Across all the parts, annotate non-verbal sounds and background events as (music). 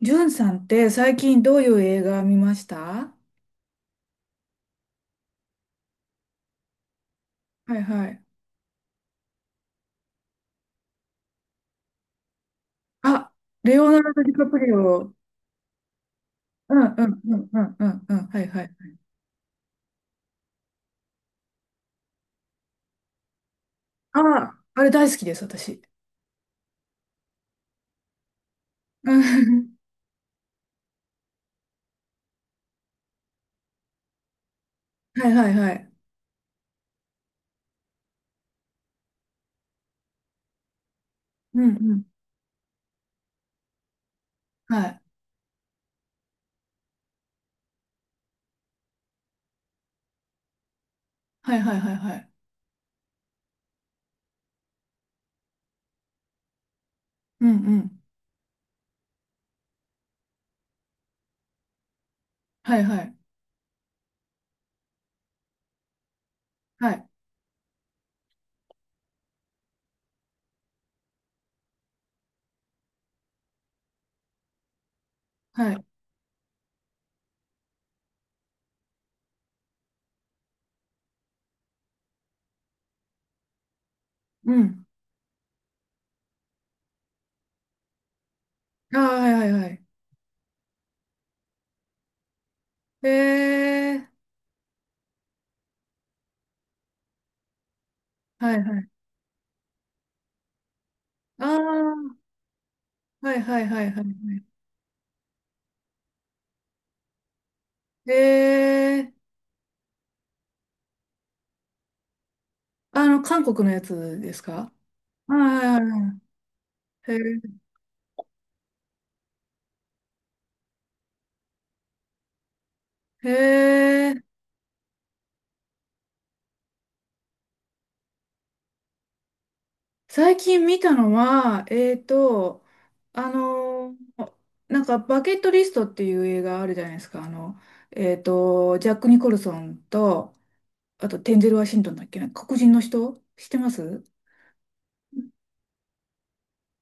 ジュンさんって最近どういう映画見ました？はいはい。あ、レオナルド・ディカプリオ。うんうんうんうんうんうん。はいはい。あ、あれ大好きです、私。(laughs) うんはいはいはい。うんうん。はい。はいはいはいはい。うんうん。はいはい。はい。はい。うん。ああ、はいはいはい。へえ。はいはい。ああ、はいはいはいはい。へえ。あの、韓国のやつですか？はいはいはい。へえ。へ最近見たのは、あのーなんか、バケットリストっていう映画あるじゃないですか。ジャック・ニコルソンと、あと、テンゼル・ワシントンだっけな、黒人の人知ってます？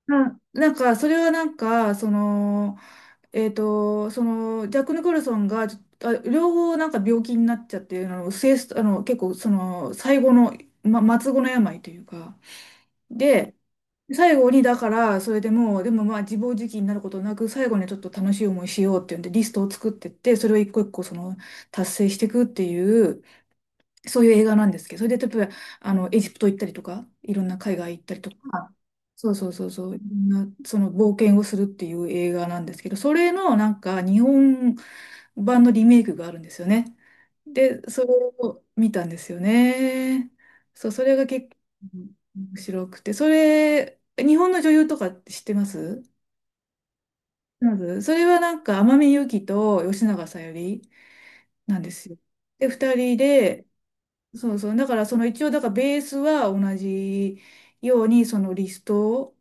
うんなんか、それはなんか、ジャック・ニコルソンが、あ両方なんか病気になっちゃって、末す結構、その、最後の、末後の病というか、で、最後にだから、それでもう、でもまあ自暴自棄になることなく、最後にちょっと楽しい思いしようっていうんで、リストを作ってって、それを一個一個その達成していくっていう、そういう映画なんですけど、それで例えば、エジプト行ったりとか、いろんな海外行ったりとか、そうそうそうそう、いろんなその冒険をするっていう映画なんですけど、それのなんか日本版のリメイクがあるんですよね。で、それを見たんですよね。そう、それが結構面白くて、それ、日本の女優とかって知ってます？まず、それはなんか天海祐希と吉永小百合なんですよ。で、二人で、そうそう、だからその一応、だからベースは同じように、そのリスト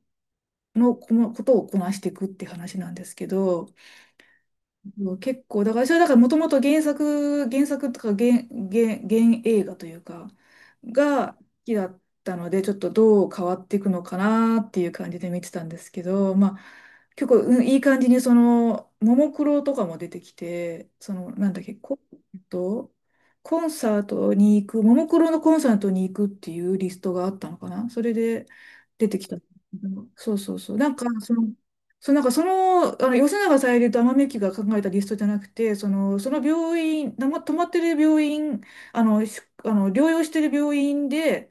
のこのことをこなしていくって話なんですけど、そう結構、だから、それだからもともと原作、原作とか原映画というか、が好きだったので、ちょっとどう変わっていくのかなっていう感じで見てたんですけど、まあ、結構、うんいい感じに、その、ももクロとかも出てきて、その、なんだっけ、ント、コンサートに行く、ももクロのコンサートに行くっていうリストがあったのかな？それで出てきたんだけど。そうそうそう。あの吉永小百合と天海祐希が考えたリストじゃなくて、その、その病院、泊まってる病院、あの、しあの療養してる病院で、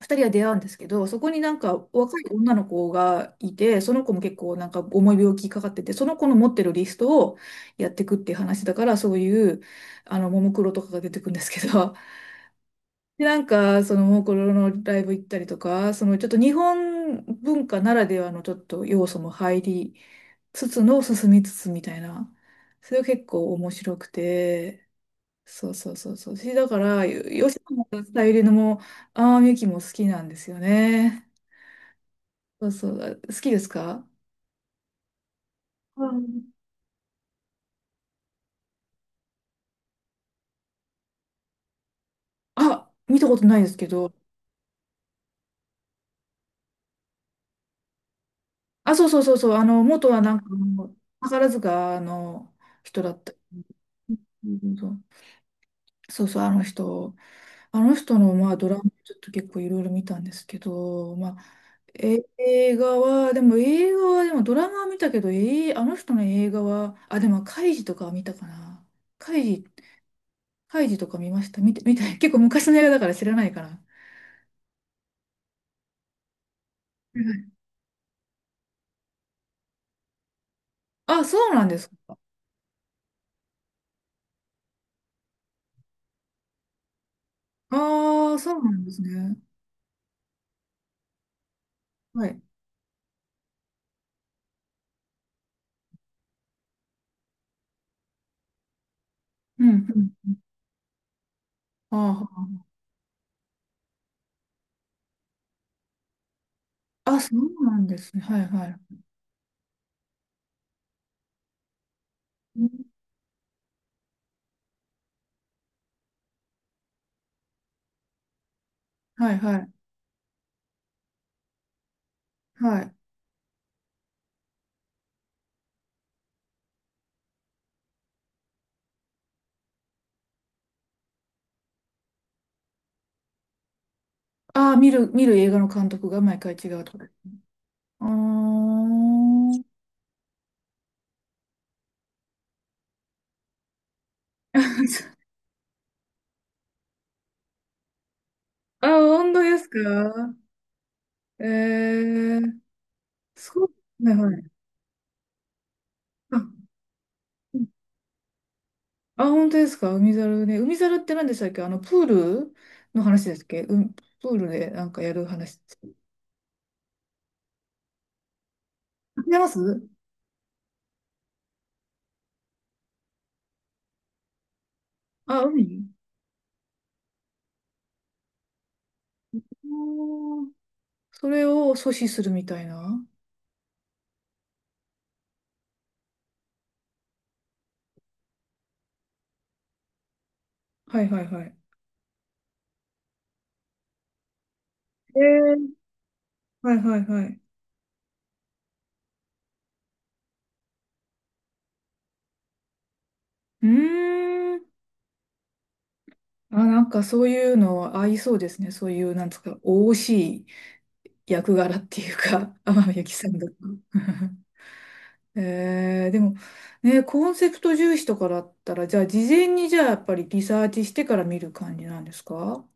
二人は出会うんですけど、そこになんか若い女の子がいて、その子も結構なんか重い病気かかってて、その子の持ってるリストをやっていくっていう話だから、そういう、ももクロとかが出てくるんですけど、(laughs) で、なんか、その、ももクロのライブ行ったりとか、その、ちょっと日本文化ならではのちょっと要素も入り、つつの進みつつみたいな。それが結構面白くて、そうそうそうそう。だから、吉野さんゆりのも、ああ、みゆきも好きなんですよね。そうそう。好きですか？うんあ、見たことないですけど。あ、そうそうそうそう。元はなんか宝塚の人だった。うんうんそうそうそう、あの人。あの人の、まあ、ドラマちょっと結構いろいろ見たんですけど、まあ、映画は、でも映画は、でもドラマは見たけど、あの人の映画は、あ、でも、カイジとかは見たかな。カイジ、カイジとか見ました。見て、結構昔の映画だから知らないかな。うんあ、そうなんですか。ああ、そうなんですね。はい。うん、うん。ああ、あ、そうなんですね。はいはい。うんはいはい。はい。ああ、見る映画の監督が毎回違うとか。ああ。(laughs) あ、本当ですか？ええー、そう、はいはい。あ、うんあ本当ですか？海猿ね。海猿って何でしたっけ？あの、プールの話ですっけ？うん、プールでなんかやる話。違います？あ、海。おーそれを阻止するみたいな。はいはいはい。えー、はいはいはい。うーん。あ、なんかそういうの合いそうですね。そういう、なんですか、おおしい役柄っていうか、天海祐希さんだと。(laughs) えー、でも、ね、コンセプト重視とかだったら、じゃあ、事前にじゃあ、やっぱりリサーチしてから見る感じなんですか？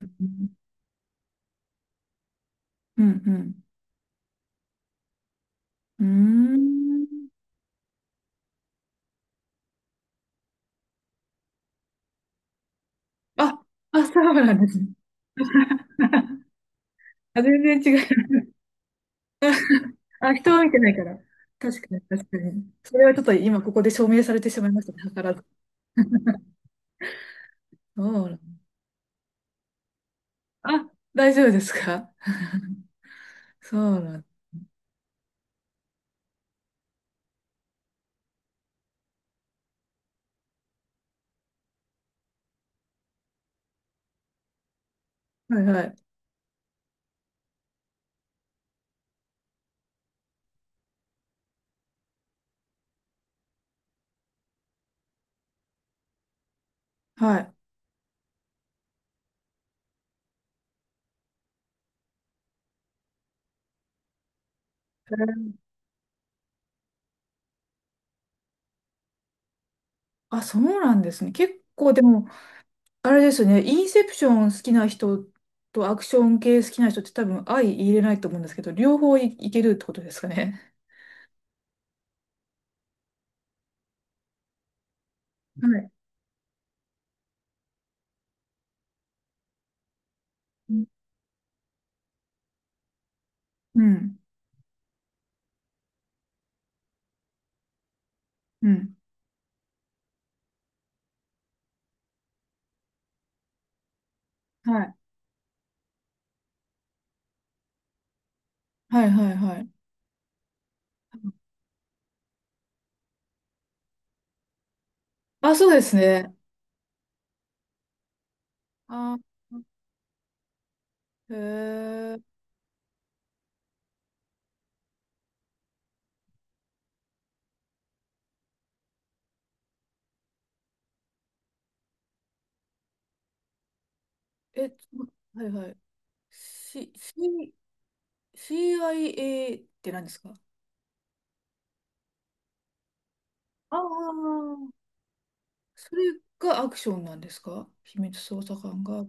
うんうん。うんうーん。あ、あ、そうなんですね。(laughs) あ、全然違う。あ、人は見てないから。確かに、確かに。それはちょっと今ここで証明されてしまいましたね。図らず。そうなんあ、大丈夫ですか？ (laughs) そうなん。はいはい。はい。へーあ、そうなんですね。結構でも、あれですね、インセプション好きな人とアクション系好きな人って多分相入れないと思うんですけど、両方いけるってことですかね。はい。うん。うん。はいはいはいはい。あ、そうですね。あ、へえ。え、ちょはいはい。C、C、CIA って何ですか？ああー、それがアクションなんですか？秘密捜査官が。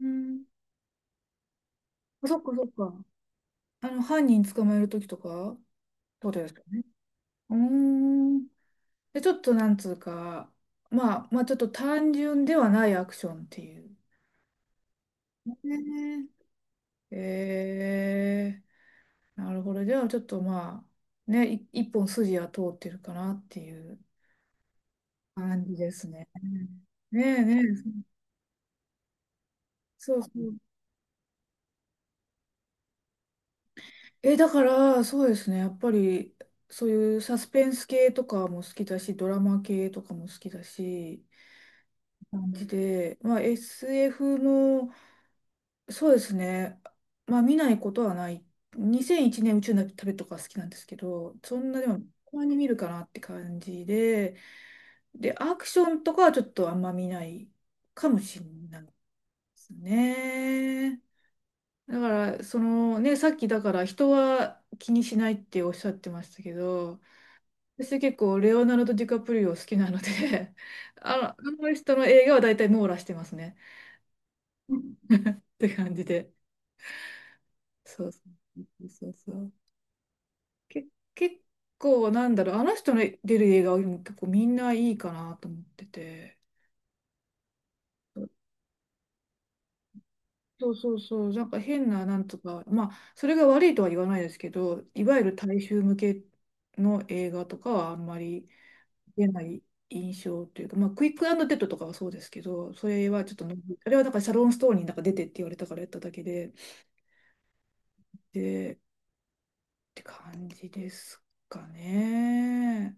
うん。あそっかそっか。犯人捕まえるときとか、ってことですかね。うーん。で、ちょっとなんつうか、まあ、ちょっと単純ではないアクションっていう。ねえー、なるほど。じゃあちょっとまあ、ね、一本筋は通ってるかなっていう感じですね。ねえねえ、そうそう。だから、そうですね。やっぱり、そういうサスペンス系とかも好きだし、ドラマ系とかも好きだし、感じで、まあ、SF のそうですね。まあ見ないことはない。2001年宇宙の旅とか好きなんですけど、そんなでも、たまに見るかなって感じで、で、アクションとかはちょっとあんま見ないかもしれないですね。だから、そのね、さっきだから人は気にしないっておっしゃってましたけど、私結構レオナルド・ディカプリオ好きなので (laughs) あの人の映画は大体網羅してますね。うんって感じで。そうそうそうそう。け、結構なんだろう、あの人の出る映画は結構みんないいかなと思ってて。そうそうそう、なんか変ななんとか、まあ、それが悪いとは言わないですけど、いわゆる大衆向けの映画とかはあんまり出ない印象というか、まあ、クイックデッドとかはそうですけど、それはちょっとの、あれはなんかシャロン・ストーンになんか出てって言われたからやっただけで、で、って感じですかね。